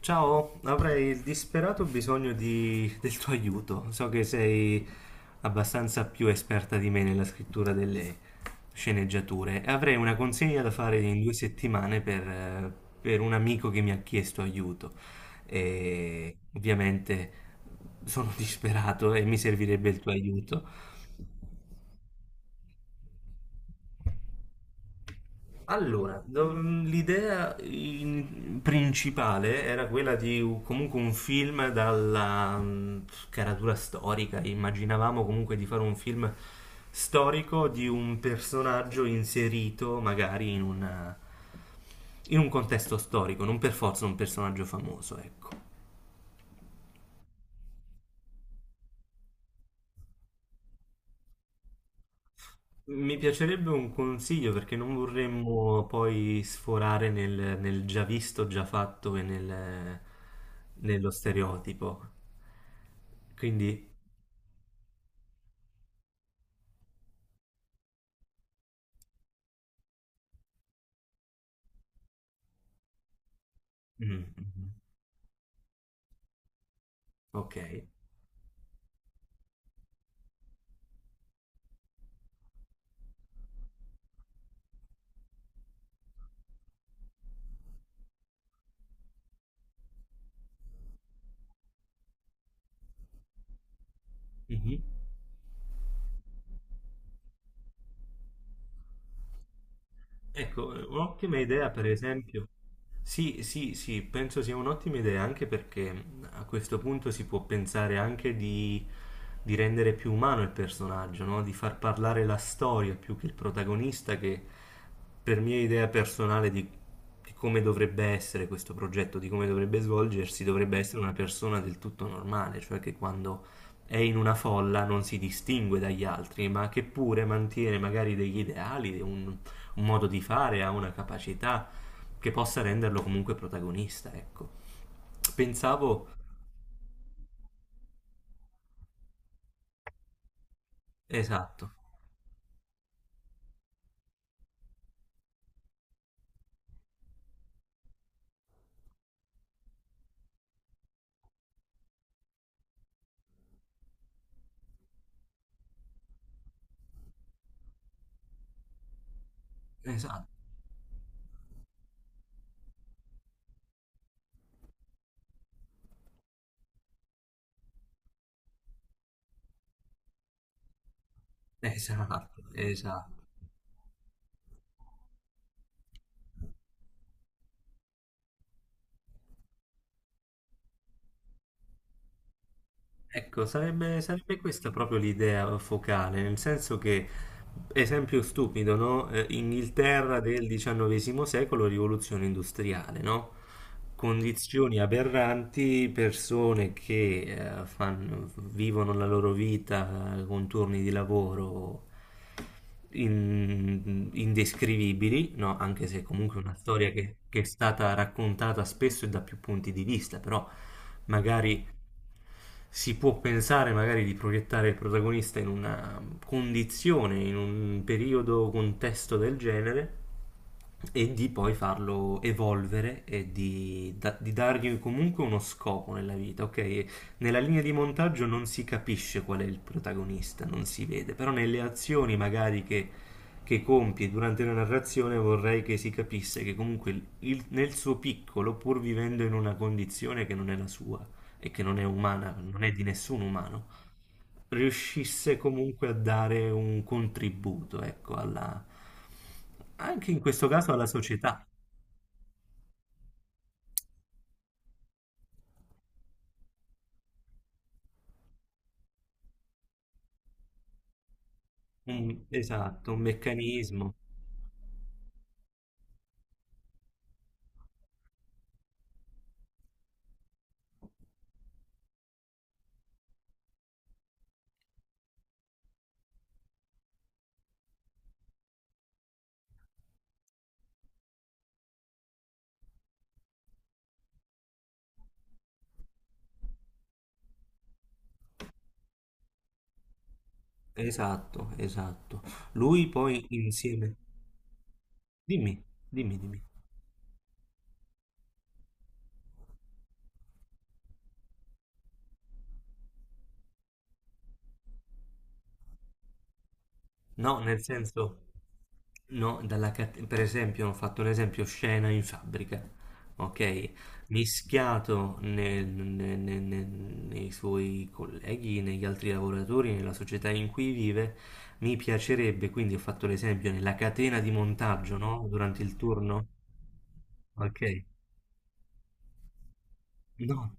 Ciao, avrei il disperato bisogno del tuo aiuto. So che sei abbastanza più esperta di me nella scrittura delle sceneggiature. Avrei una consegna da fare in due settimane per un amico che mi ha chiesto aiuto. E ovviamente sono disperato e mi servirebbe il tuo aiuto. Allora, l'idea principale era quella di comunque un film dalla caratura storica. Immaginavamo comunque di fare un film storico di un personaggio inserito magari in in un contesto storico, non per forza un personaggio famoso, ecco. Mi piacerebbe un consiglio perché non vorremmo poi sforare nel già visto, già fatto e nello stereotipo. Quindi, mm, mm, ok. Mhm. Ecco, un'ottima idea, per esempio. Sì, sì, sì, penso sia un'ottima idea anche perché a questo punto si può pensare anche di rendere più umano il personaggio, no? Di far parlare la storia più che il protagonista, che per mia idea personale di come dovrebbe essere questo progetto, di come dovrebbe svolgersi, dovrebbe essere una persona del tutto normale, cioè che quando è in una folla non si distingue dagli altri, ma che pure mantiene magari degli ideali, un modo di fare, ha una capacità che possa renderlo comunque protagonista, ecco. Pensavo, esatto, esatto, esatto, esatto. Ecco, sarebbe questa proprio l'idea focale, nel senso che, esempio stupido, no? Inghilterra del XIX secolo, rivoluzione industriale, no? Condizioni aberranti, persone che vivono la loro vita con turni di lavoro indescrivibili, no? Anche se comunque è una storia che è stata raccontata spesso e da più punti di vista, però magari si può pensare magari di proiettare il protagonista in una condizione, in un periodo, contesto del genere e di poi farlo evolvere e di dargli comunque uno scopo nella vita, ok? Nella linea di montaggio non si capisce qual è il protagonista, non si vede, però nelle azioni magari che compie durante la narrazione vorrei che si capisse che comunque nel suo piccolo, pur vivendo in una condizione che non è la sua, e che non è umana, non è di nessun umano, riuscisse comunque a dare un contributo, ecco, alla, anche in questo caso alla società. Esatto, un meccanismo. Esatto, esatto. Lui poi insieme... Dimmi, dimmi, dimmi. No, nel senso, no, dalla per esempio, ho fatto un esempio scena in fabbrica, ok? Mischiato nei suoi colleghi, negli altri lavoratori, nella società in cui vive, mi piacerebbe, quindi ho fatto l'esempio nella catena di montaggio, no? Durante il turno, ok? No.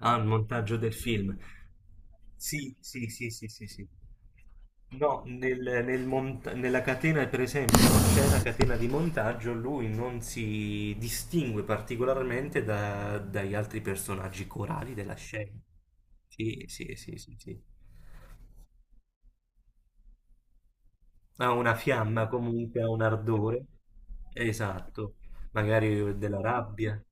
Ah, il montaggio del film. Sì, sì, sì, sì, sì, sì. No, nella catena, per esempio, no, c'è la catena di montaggio, lui non si distingue particolarmente dagli altri personaggi corali della scena. Sì, sì, sì, sì, sì. Ha una fiamma comunque, ha un ardore. Esatto. Magari della rabbia.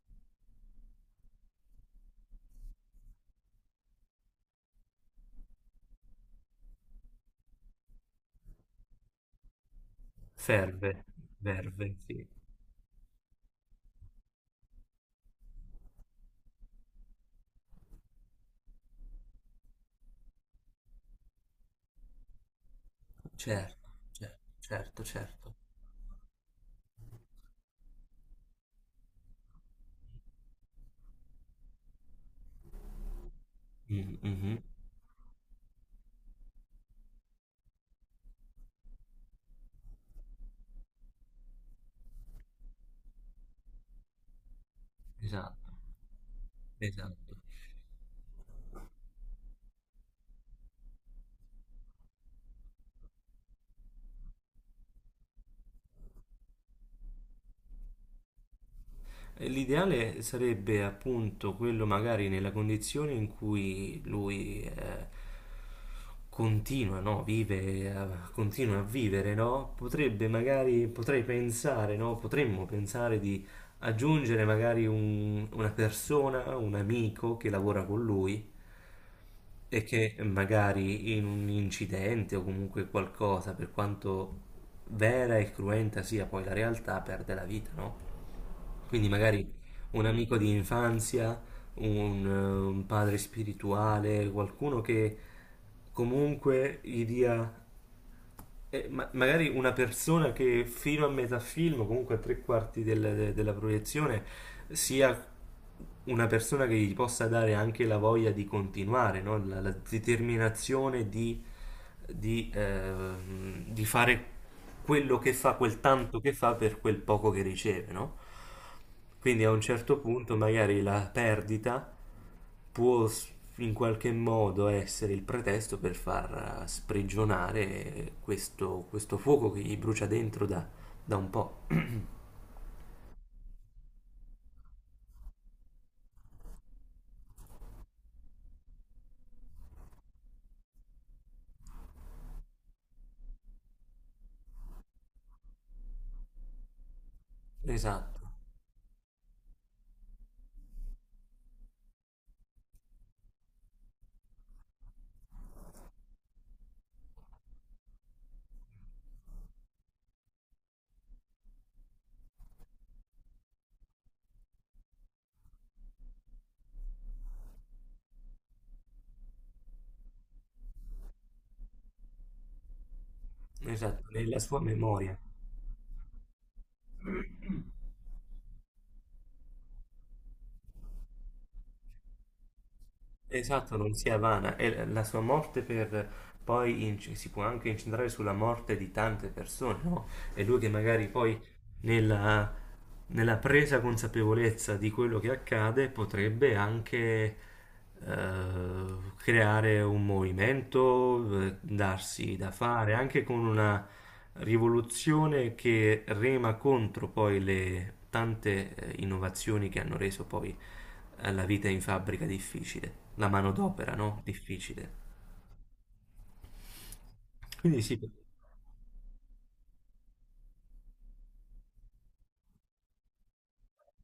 Ferve, verve, sì. Certo, certo, certo, certo. Mhm, mhm. Esatto, esatto. L'ideale sarebbe appunto quello magari nella condizione in cui lui continua, no? Vive, continua a vivere, no? Potrebbe magari, potrei pensare, no? Potremmo pensare di aggiungere magari una persona, un amico che lavora con lui e che magari in un incidente o comunque qualcosa, per quanto vera e cruenta sia poi la realtà, perde la vita, no? Quindi magari un amico di infanzia, un padre spirituale, qualcuno che comunque gli dia, magari una persona che fino a metà film, comunque a tre quarti della proiezione, sia una persona che gli possa dare anche la voglia di continuare, no? La determinazione di fare quello che fa, quel tanto che fa per quel poco che riceve, no? Quindi a un certo punto magari la perdita può in qualche modo essere il pretesto per far sprigionare questo fuoco che gli brucia dentro da, da un po'. Esatto, esatto, nella sua memoria. Esatto, non sia vana. E la sua morte per poi si può anche incentrare sulla morte di tante persone, no? E lui che magari poi nella, nella presa consapevolezza di quello che accade potrebbe anche creare un movimento, darsi da fare, anche con una rivoluzione che rema contro poi le tante innovazioni che hanno reso poi la vita in fabbrica difficile, la manodopera, no? Difficile. Quindi sì.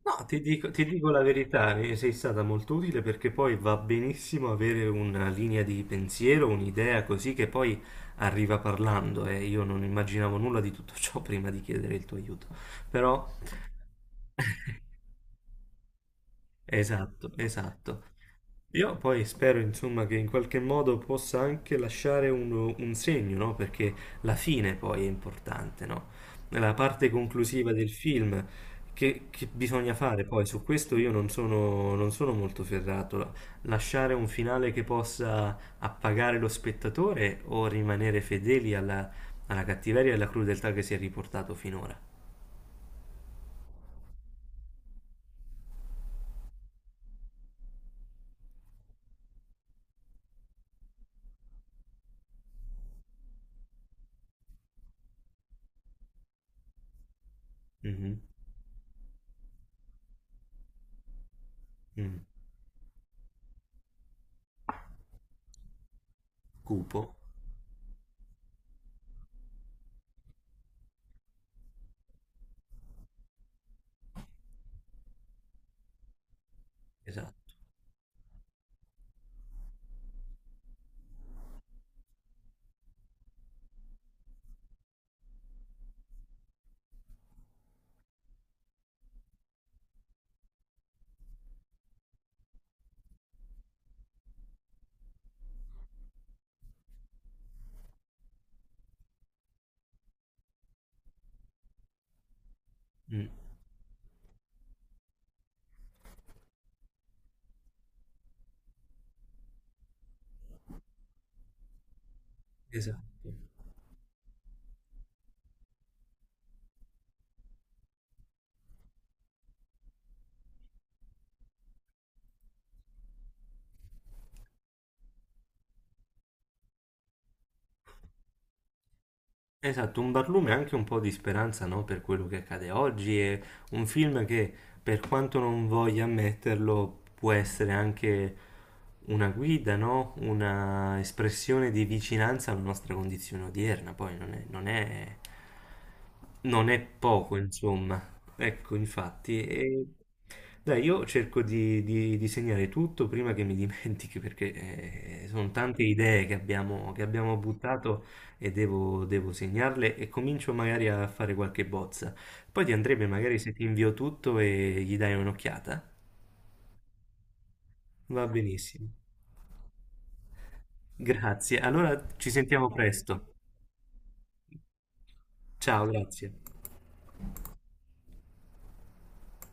No, ti dico la verità, e sei stata molto utile perché poi va benissimo avere una linea di pensiero, un'idea così che poi arriva parlando e io non immaginavo nulla di tutto ciò prima di chiedere il tuo aiuto. Però, esatto, esatto. Io poi spero, insomma, che in qualche modo possa anche lasciare un segno, no? Perché la fine poi è importante, no? La parte conclusiva del film che bisogna fare poi, su questo io non sono molto ferrato. Lasciare un finale che possa appagare lo spettatore o rimanere fedeli alla, alla cattiveria e alla crudeltà che si è riportato finora. Mhm, mm. Cupo, esatto. Mm, esatto. Esatto, un barlume e anche un po' di speranza, no, per quello che accade oggi. È un film che, per quanto non voglia ammetterlo, può essere anche una guida, no? Una espressione di vicinanza alla nostra condizione odierna. Poi non è poco, insomma. Ecco, infatti. Dai, io cerco di segnare tutto prima che mi dimentichi, perché sono tante idee che abbiamo buttato e devo segnarle e comincio magari a fare qualche bozza. Poi ti andrebbe magari se ti invio tutto e gli dai un'occhiata. Va benissimo. Grazie. Allora ci sentiamo presto. Ciao, grazie.